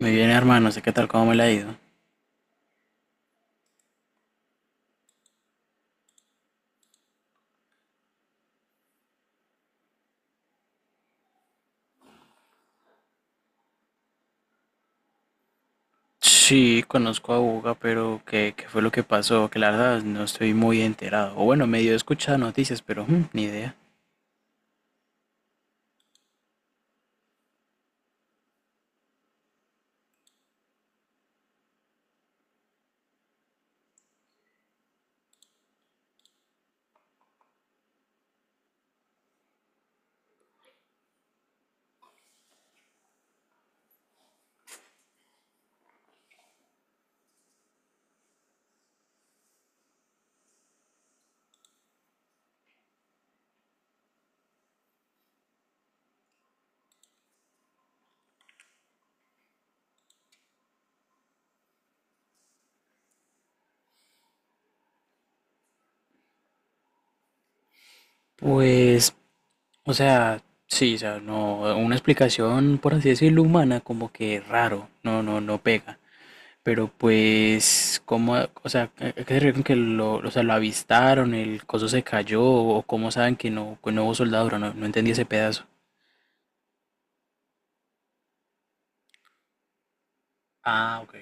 Muy bien, hermano, sé qué tal, cómo me la ha ido. Sí, conozco a Buga, pero ¿qué fue lo que pasó? Que la verdad no estoy muy enterado. O bueno, medio he escuchado noticias, pero ni idea. Pues, o sea, sí, o sea, no, una explicación, por así decirlo, humana, como que raro, no, no, no pega. Pero pues, ¿cómo, o sea, a qué se refiere con que lo, o sea, lo avistaron, el coso se cayó, o cómo saben que no, hubo soldadura? No, no entendí ese pedazo. Ah, ok.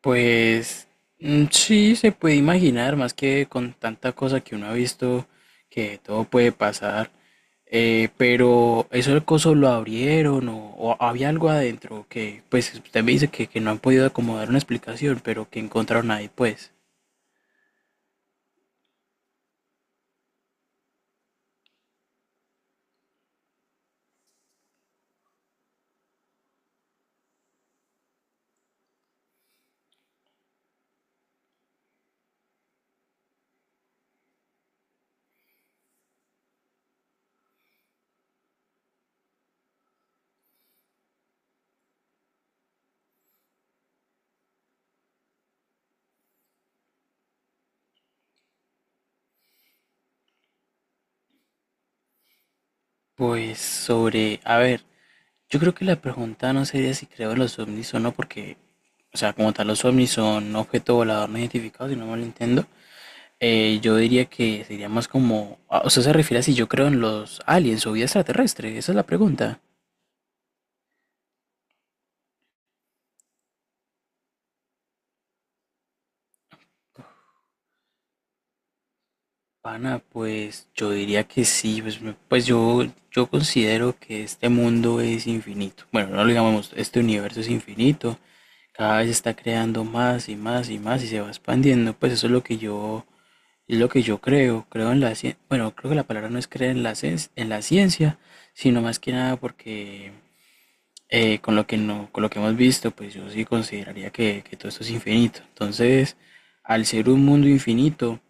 Pues sí, se puede imaginar, más que con tanta cosa que uno ha visto, que todo puede pasar, pero eso el coso lo abrieron o, había algo adentro que, pues usted me dice que no han podido acomodar una explicación, pero que encontraron ahí, pues. Pues a ver, yo creo que la pregunta no sería si creo en los ovnis o no, porque, o sea, como tal, los ovnis son objeto volador no identificado, si no mal entiendo. Yo diría que sería más como, ah, o sea, se refiere a si yo creo en los aliens o vida extraterrestre, esa es la pregunta. Pana, pues yo diría que sí, pues, pues yo considero que este mundo es infinito. Bueno, no lo digamos, este universo es infinito, cada vez está creando más y más y más y se va expandiendo, pues eso es lo que yo, creo, creo en la ciencia. Bueno, creo que la palabra no es creer en la ciencia, sino más que nada porque con lo que no, con lo que hemos visto, pues yo sí consideraría que todo esto es infinito. Entonces, al ser un mundo infinito,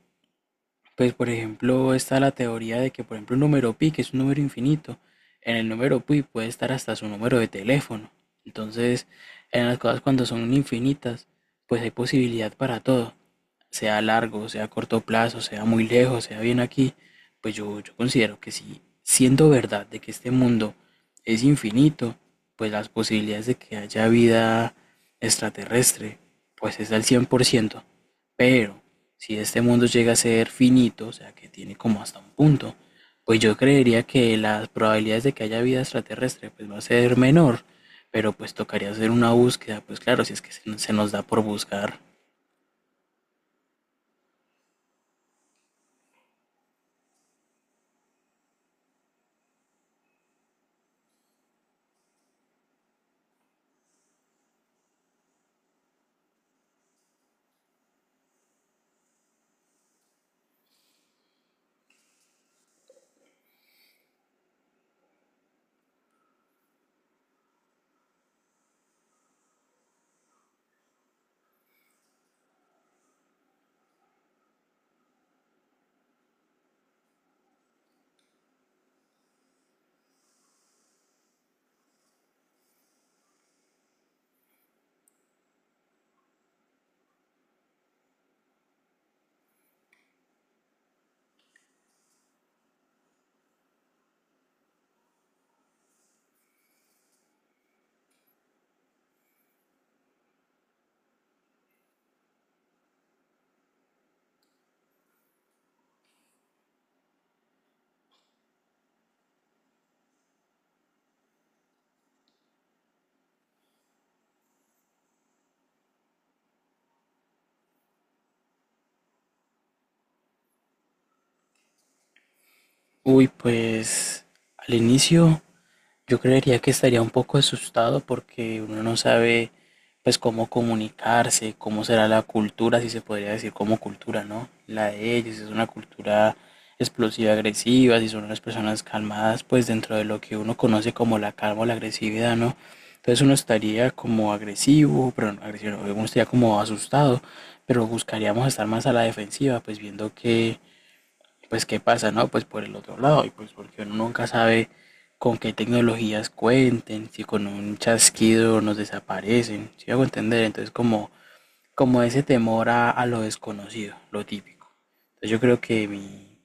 pues por ejemplo está la teoría de que, por ejemplo, un número pi, que es un número infinito, en el número pi puede estar hasta su número de teléfono. Entonces, en las cosas cuando son infinitas, pues hay posibilidad para todo, sea a largo, sea a corto plazo, sea muy lejos, sea bien aquí, pues yo considero que si siendo verdad de que este mundo es infinito, pues las posibilidades de que haya vida extraterrestre, pues es al 100%. Pero si este mundo llega a ser finito, o sea que tiene como hasta un punto, pues yo creería que las probabilidades de que haya vida extraterrestre pues va a ser menor, pero pues tocaría hacer una búsqueda, pues claro, si es que se nos da por buscar. Uy, pues al inicio yo creería que estaría un poco asustado porque uno no sabe pues cómo comunicarse, cómo será la cultura, si se podría decir como cultura, ¿no? La de ellos, si es una cultura explosiva, agresiva, si son unas personas calmadas, pues dentro de lo que uno conoce como la calma o la agresividad, ¿no? Entonces uno estaría como agresivo, pero no agresivo, uno estaría como asustado, pero buscaríamos estar más a la defensiva, pues viendo que pues qué pasa, ¿no? Pues por el otro lado, y pues porque uno nunca sabe con qué tecnologías cuenten, si con un chasquido nos desaparecen, si hago entender, entonces como ese temor a lo desconocido, lo típico. Entonces yo creo que mi,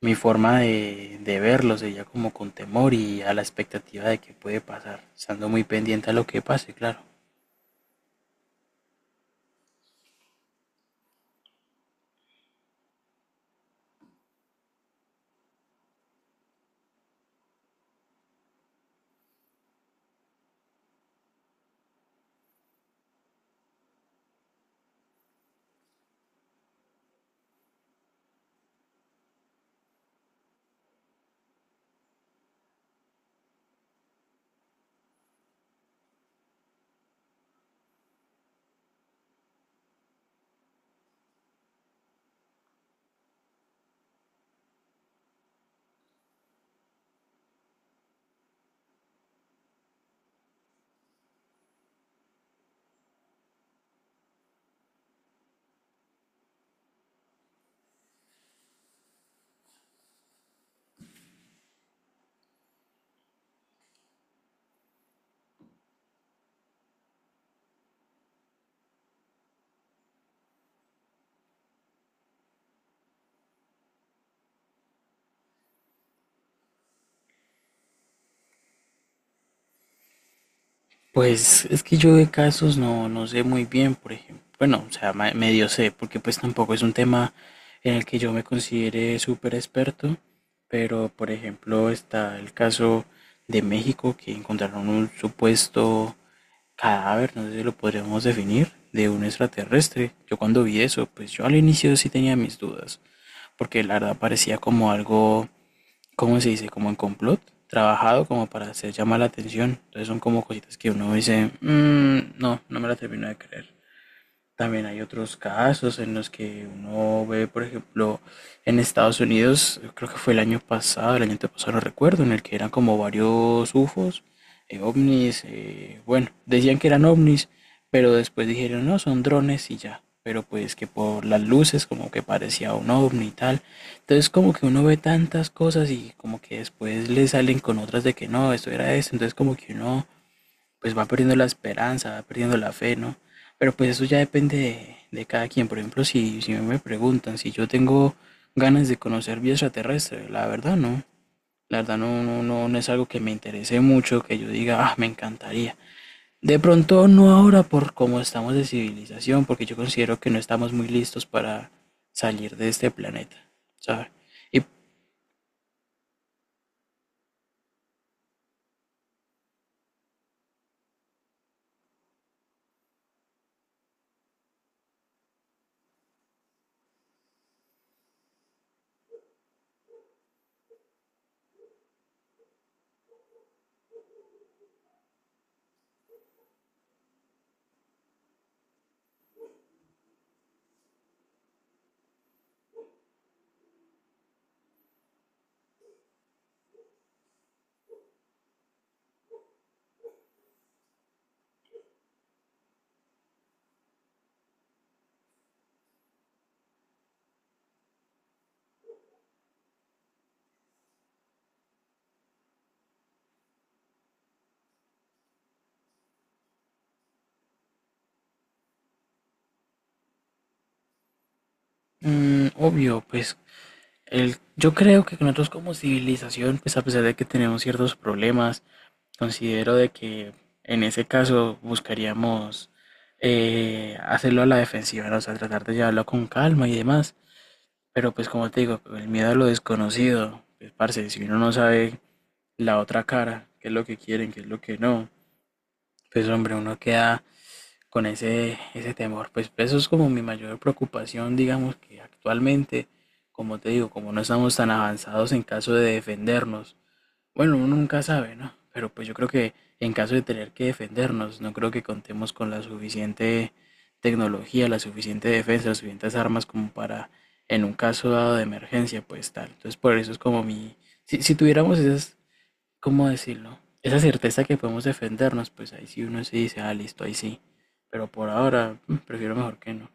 mi forma de verlo sería como con temor y a la expectativa de que puede pasar, estando muy pendiente a lo que pase, claro. Pues es que yo de casos no sé muy bien, por ejemplo. Bueno, o sea, medio sé, porque pues tampoco es un tema en el que yo me considere súper experto, pero por ejemplo está el caso de México que encontraron un supuesto cadáver, no sé si lo podríamos definir, de un extraterrestre. Yo cuando vi eso, pues yo al inicio sí tenía mis dudas, porque la verdad parecía como algo ¿cómo se dice? Como en complot, trabajado como para hacer llamar la atención. Entonces son como cositas que uno dice, "Mm, no, no me la termino de creer". También hay otros casos en los que uno ve, por ejemplo, en Estados Unidos, creo que fue el año pasado, el año antepasado, no recuerdo, en el que eran como varios UFOs, ovnis, bueno, decían que eran ovnis, pero después dijeron, no, son drones y ya, pero pues que por las luces como que parecía un ovni y tal. Entonces como que uno ve tantas cosas y como que después le salen con otras de que no, esto era esto, entonces como que uno pues va perdiendo la esperanza, va perdiendo la fe, ¿no? Pero pues eso ya depende de, cada quien. Por ejemplo, si me preguntan si yo tengo ganas de conocer vida extraterrestre, la verdad no. La verdad no, no, no, no es algo que me interese mucho, que yo diga, ah, me encantaría. De pronto no ahora por cómo estamos de civilización, porque yo considero que no estamos muy listos para salir de este planeta, ¿sabes? Y obvio, pues yo creo que nosotros como civilización, pues a pesar de que tenemos ciertos problemas, considero de que en ese caso buscaríamos hacerlo a la defensiva, ¿no? O sea, tratar de llevarlo con calma y demás. Pero pues como te digo, el miedo a lo desconocido, pues parce, si uno no sabe la otra cara, qué es lo que quieren, qué es lo que no, pues hombre, uno queda con ese, temor. Pues eso es como mi mayor preocupación, digamos que actualmente, como te digo, como no estamos tan avanzados en caso de defendernos, bueno, uno nunca sabe, ¿no? Pero pues yo creo que en caso de tener que defendernos, no creo que contemos con la suficiente tecnología, la suficiente defensa, las suficientes armas como para, en un caso dado de emergencia, pues tal. Entonces por eso es como mi... si, tuviéramos esas, ¿cómo decirlo? Esa certeza que podemos defendernos, pues ahí sí uno se dice, ah, listo, ahí sí. Pero por ahora, prefiero mejor que no.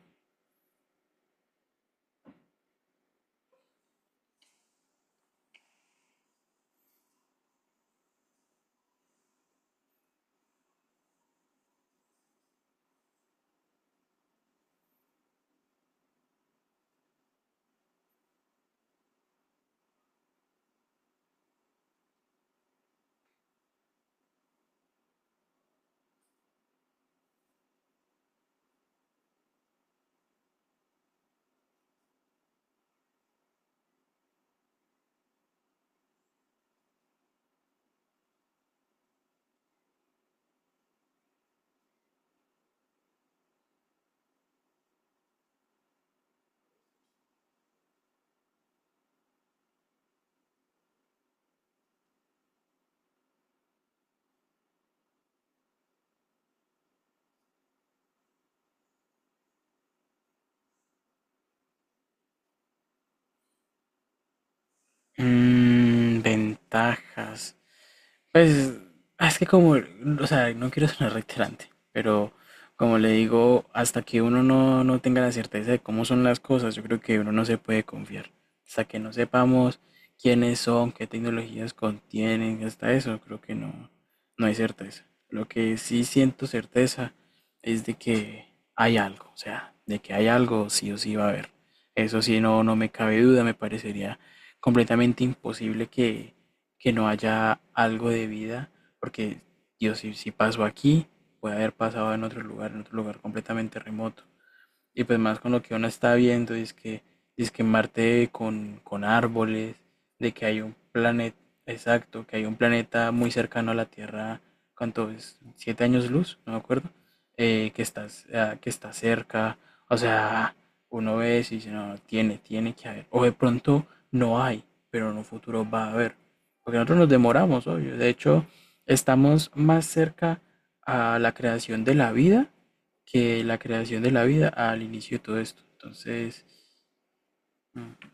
Mm, ventajas. Pues es que como, o sea, no quiero sonar reiterante, pero como le digo, hasta que uno no, tenga la certeza de cómo son las cosas, yo creo que uno no se puede confiar. Hasta que no sepamos quiénes son, qué tecnologías contienen, hasta eso, creo que no, hay certeza. Lo que sí siento certeza es de que hay algo, o sea, de que hay algo sí o sí va a haber. Eso sí, no, me cabe duda, me parecería completamente imposible que no haya algo de vida, porque Dios, si pasó aquí, puede haber pasado en otro lugar completamente remoto. Y pues más con lo que uno está viendo, es que Marte con árboles, de que hay un planeta, exacto, que hay un planeta muy cercano a la Tierra, ¿cuánto es? ¿7 años luz? No me acuerdo. Que está cerca. O sea, uno ve eso y dice, no, no, tiene, tiene que haber. O de pronto no hay, pero en un futuro va a haber. Porque nosotros nos demoramos, obvio. De hecho, estamos más cerca a la creación de la vida que la creación de la vida al inicio de todo esto. Entonces, mm,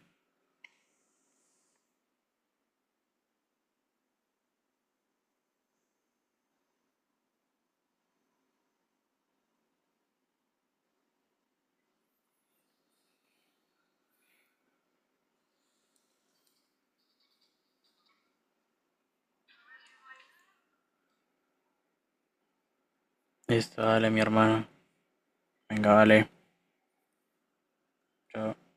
esto, dale, mi hermano. Venga, vale. Chao.